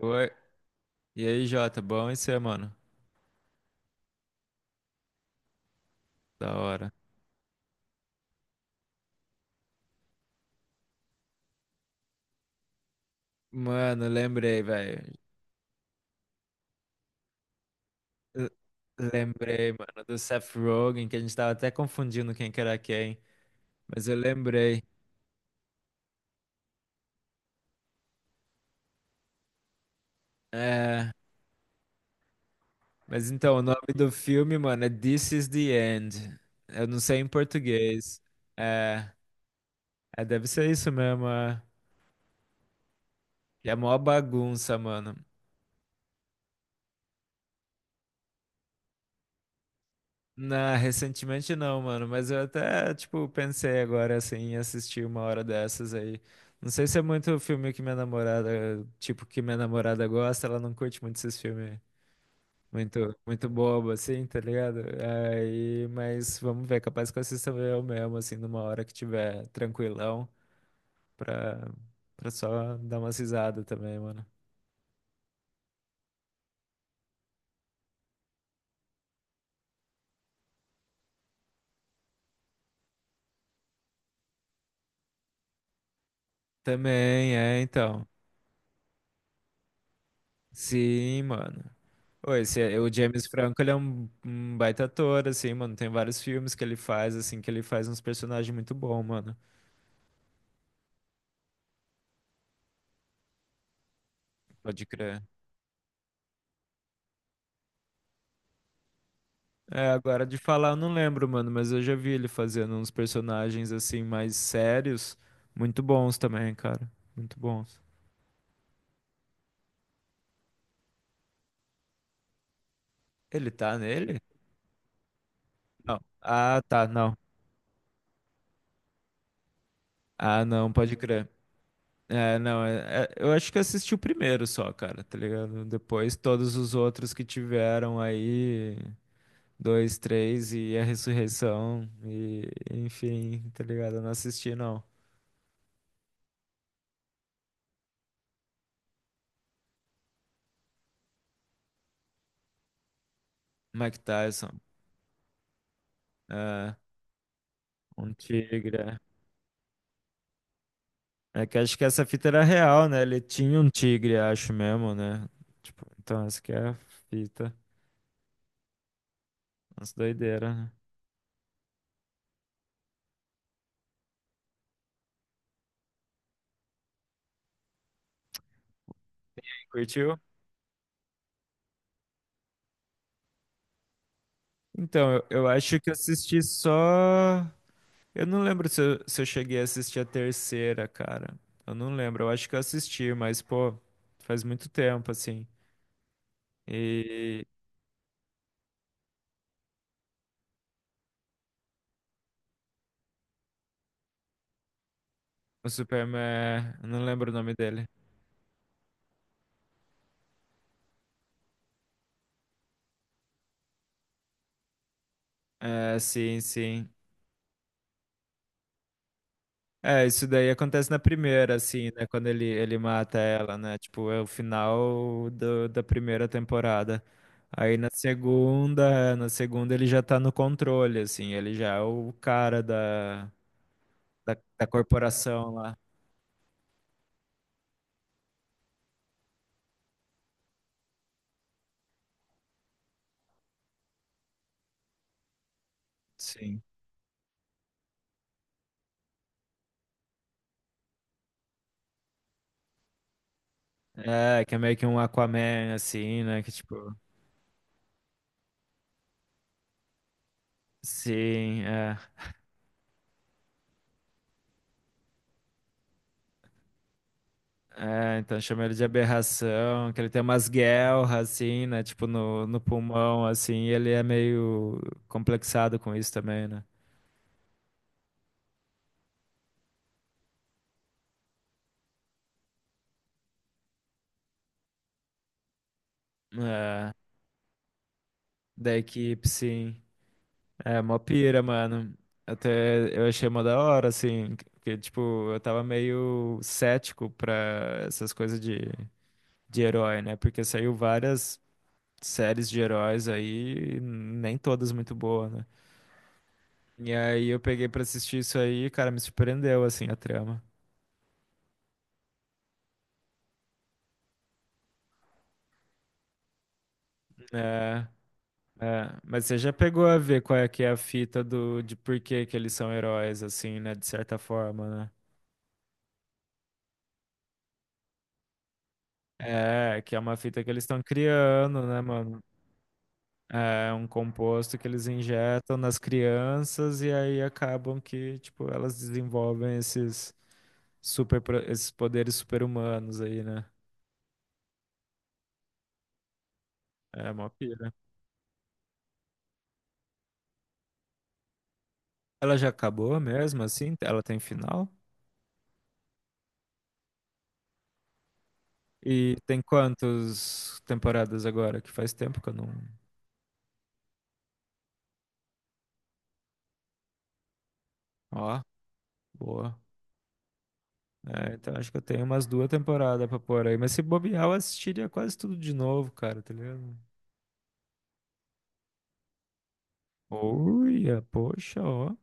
Oi. E aí, Jota, bom e você, mano? Da hora. Mano, lembrei, velho. L- Lembrei, mano, do Seth Rogen, que a gente tava até confundindo quem que era quem. Mas eu lembrei. É. Mas então, o nome do filme, mano, é This is the End. Eu não sei em português. É. É, deve ser isso mesmo. É, e é mó bagunça, mano. Não, recentemente não, mano, mas eu até, tipo, pensei agora, assim, em assistir uma hora dessas aí. Não sei se é muito filme que minha namorada, tipo, que minha namorada gosta, ela não curte muito esses filmes muito, muito bobo, assim, tá ligado? Aí, mas vamos ver, capaz que eu assista eu mesmo, assim, numa hora que tiver tranquilão, pra, pra só dar umas risadas também, mano. Também, é, então. Sim, mano. Ô, esse, o James Franco, ele é um, um baita ator, assim, mano. Tem vários filmes que ele faz, assim, que ele faz uns personagens muito bons, mano. Pode crer. É, agora de falar eu não lembro, mano, mas eu já vi ele fazendo uns personagens, assim, mais sérios. Muito bons também, cara. Muito bons. Ele tá nele? Não. Ah, tá, não. Ah, não, pode crer. É, não, eu acho que assisti o primeiro só, cara, tá ligado? Depois todos os outros que tiveram aí. Dois, três e a ressurreição e enfim, tá ligado? Eu não assisti não. Mike Tyson, é, um tigre. É É que acho que essa fita era real, né? Ele tinha um tigre, acho mesmo, né? Tipo, então essa que é a fita. Umas doideiras, né? Curtiu? Então, eu acho que eu assisti só. Eu não lembro se eu cheguei a assistir a terceira, cara. Eu não lembro. Eu acho que eu assisti, mas, pô, faz muito tempo, assim. E o Superman, eu não lembro o nome dele. É, sim, sim. É, isso daí acontece na primeira, assim, né? Quando ele mata ela, né? Tipo, é o final do, da primeira temporada. Aí na segunda ele já tá no controle, assim, ele já é o cara da, da, da corporação lá. Sim. É, que é meio que um Aquaman, assim, né? Que tipo. Sim, é. É, então chama ele de aberração, que ele tem umas guelras, assim, né? Tipo, no, no pulmão, assim, e ele é meio complexado com isso também, né? É, da equipe, sim. É, mó pira, mano. Até eu achei mó da hora, assim, porque, tipo, eu tava meio cético pra essas coisas de herói, né? Porque saiu várias séries de heróis aí, nem todas muito boas, né? E aí eu peguei pra assistir isso aí e, cara, me surpreendeu, assim, a trama. É, é. Mas você já pegou a ver qual é que é a fita do, de por que que eles são heróis, assim, né? De certa forma, né? É, que é uma fita que eles estão criando, né, mano? É um composto que eles injetam nas crianças e aí acabam que, tipo, elas desenvolvem esses super, esses poderes super-humanos aí, né? É uma pira. Ela já acabou mesmo, assim? Ela tem final? E tem quantas temporadas agora? Que faz tempo que eu não... Ó, boa. É, então acho que eu tenho umas duas temporadas pra pôr aí. Mas se bobear, eu assistiria quase tudo de novo, cara, tá ligado? Olha, poxa, ó.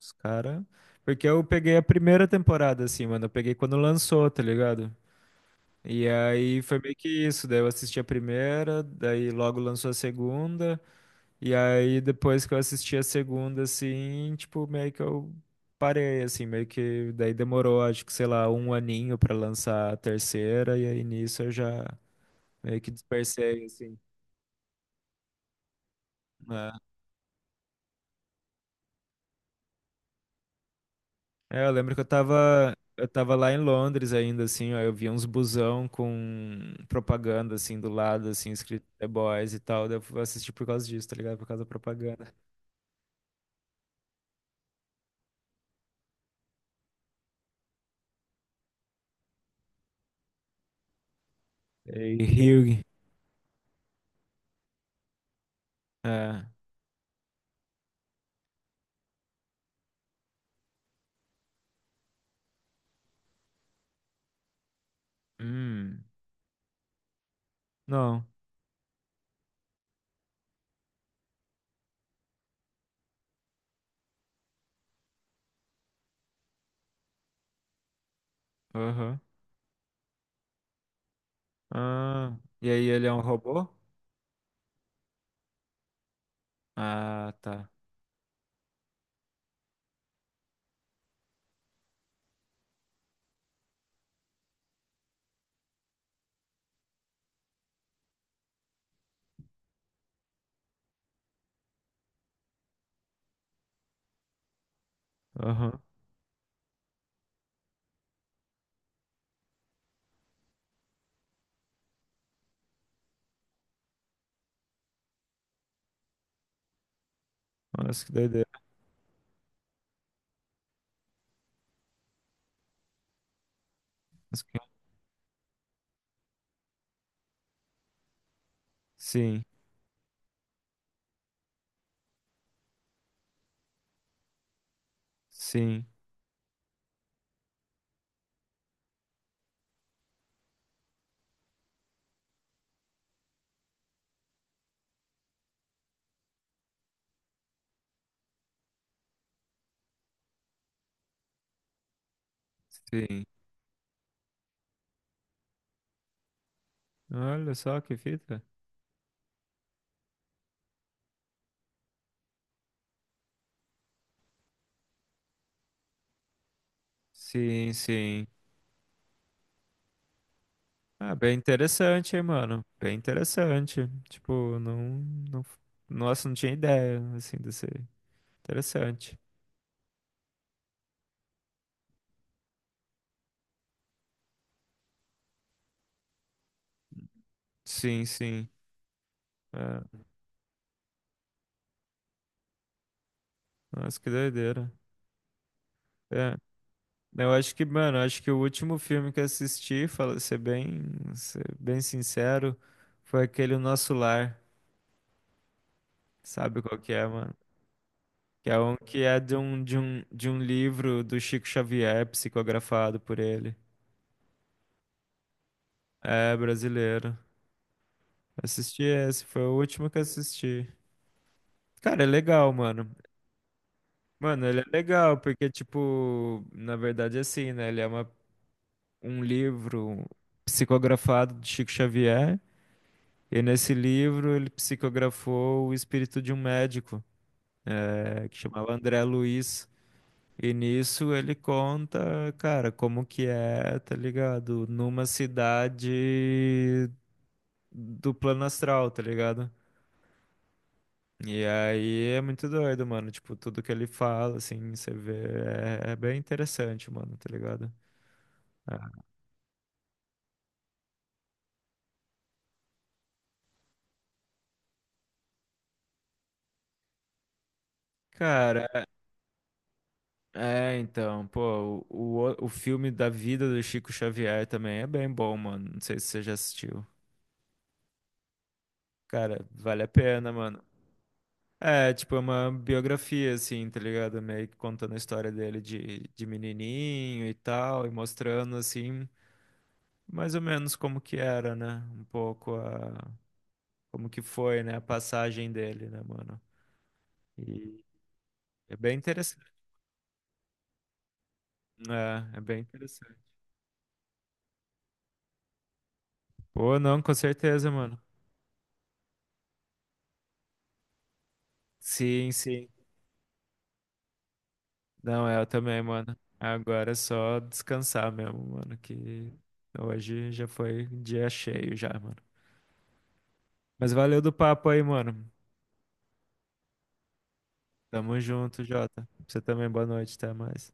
Os cara. Porque eu peguei a primeira temporada, assim, mano. Eu peguei quando lançou, tá ligado? E aí foi meio que isso. Daí eu assisti a primeira, daí logo lançou a segunda. E aí depois que eu assisti a segunda, assim, tipo, meio que eu parei, assim, meio que. Daí demorou, acho que, sei lá, um aninho pra lançar a terceira. E aí nisso eu já. Meio que dispersei, assim. Né? É, eu lembro que eu tava lá em Londres ainda, assim, ó, eu via uns busão com propaganda, assim, do lado, assim, escrito The Boys e tal, daí eu fui assistir por causa disso, tá ligado? Por causa da propaganda. E Hugh, é, hum, não, aham, ah, e aí ele é um robô? Ah, tá, aham. Nossa, que doideira. Nossa, que- sim, sim, sim, olha só que fita, sim, sim. Ah, bem interessante, hein, mano? Bem interessante. Tipo, não, não. Nossa, não tinha ideia, assim, desse. Interessante. Sim, sim. É. Nossa, que doideira. É. Eu acho que, mano, acho que o último filme que eu assisti, fala, ser bem sincero, foi aquele O Nosso Lar. Sabe qual que é, mano? Que é um que é de um, de um livro do Chico Xavier, psicografado por ele. É brasileiro. Assisti esse, foi o último que assisti. Cara, é legal, mano. Mano, ele é legal, porque, tipo, na verdade, é assim, né? Ele é uma, um livro psicografado de Chico Xavier. E nesse livro ele psicografou o espírito de um médico, que chamava André Luiz. E nisso ele conta, cara, como que é, tá ligado? Numa cidade do plano astral, tá ligado? E aí é muito doido, mano. Tipo, tudo que ele fala, assim, você vê, é, é bem interessante, mano, tá ligado? É. Cara, é, então, pô, o filme da vida do Chico Xavier também é bem bom, mano. Não sei se você já assistiu. Cara, vale a pena, mano. É, tipo, é uma biografia, assim, tá ligado? Meio que contando a história dele de menininho e tal, e mostrando, assim, mais ou menos como que era, né? Um pouco a... Como que foi, né? A passagem dele, né, mano? E é bem interessante. É, é bem interessante. Pô, não, com certeza, mano. Sim, sim. Não, é, eu também, mano. Agora é só descansar mesmo, mano, que hoje já foi dia cheio já, mano. Mas valeu do papo aí, mano. Tamo junto, Jota. Você também, boa noite, até mais.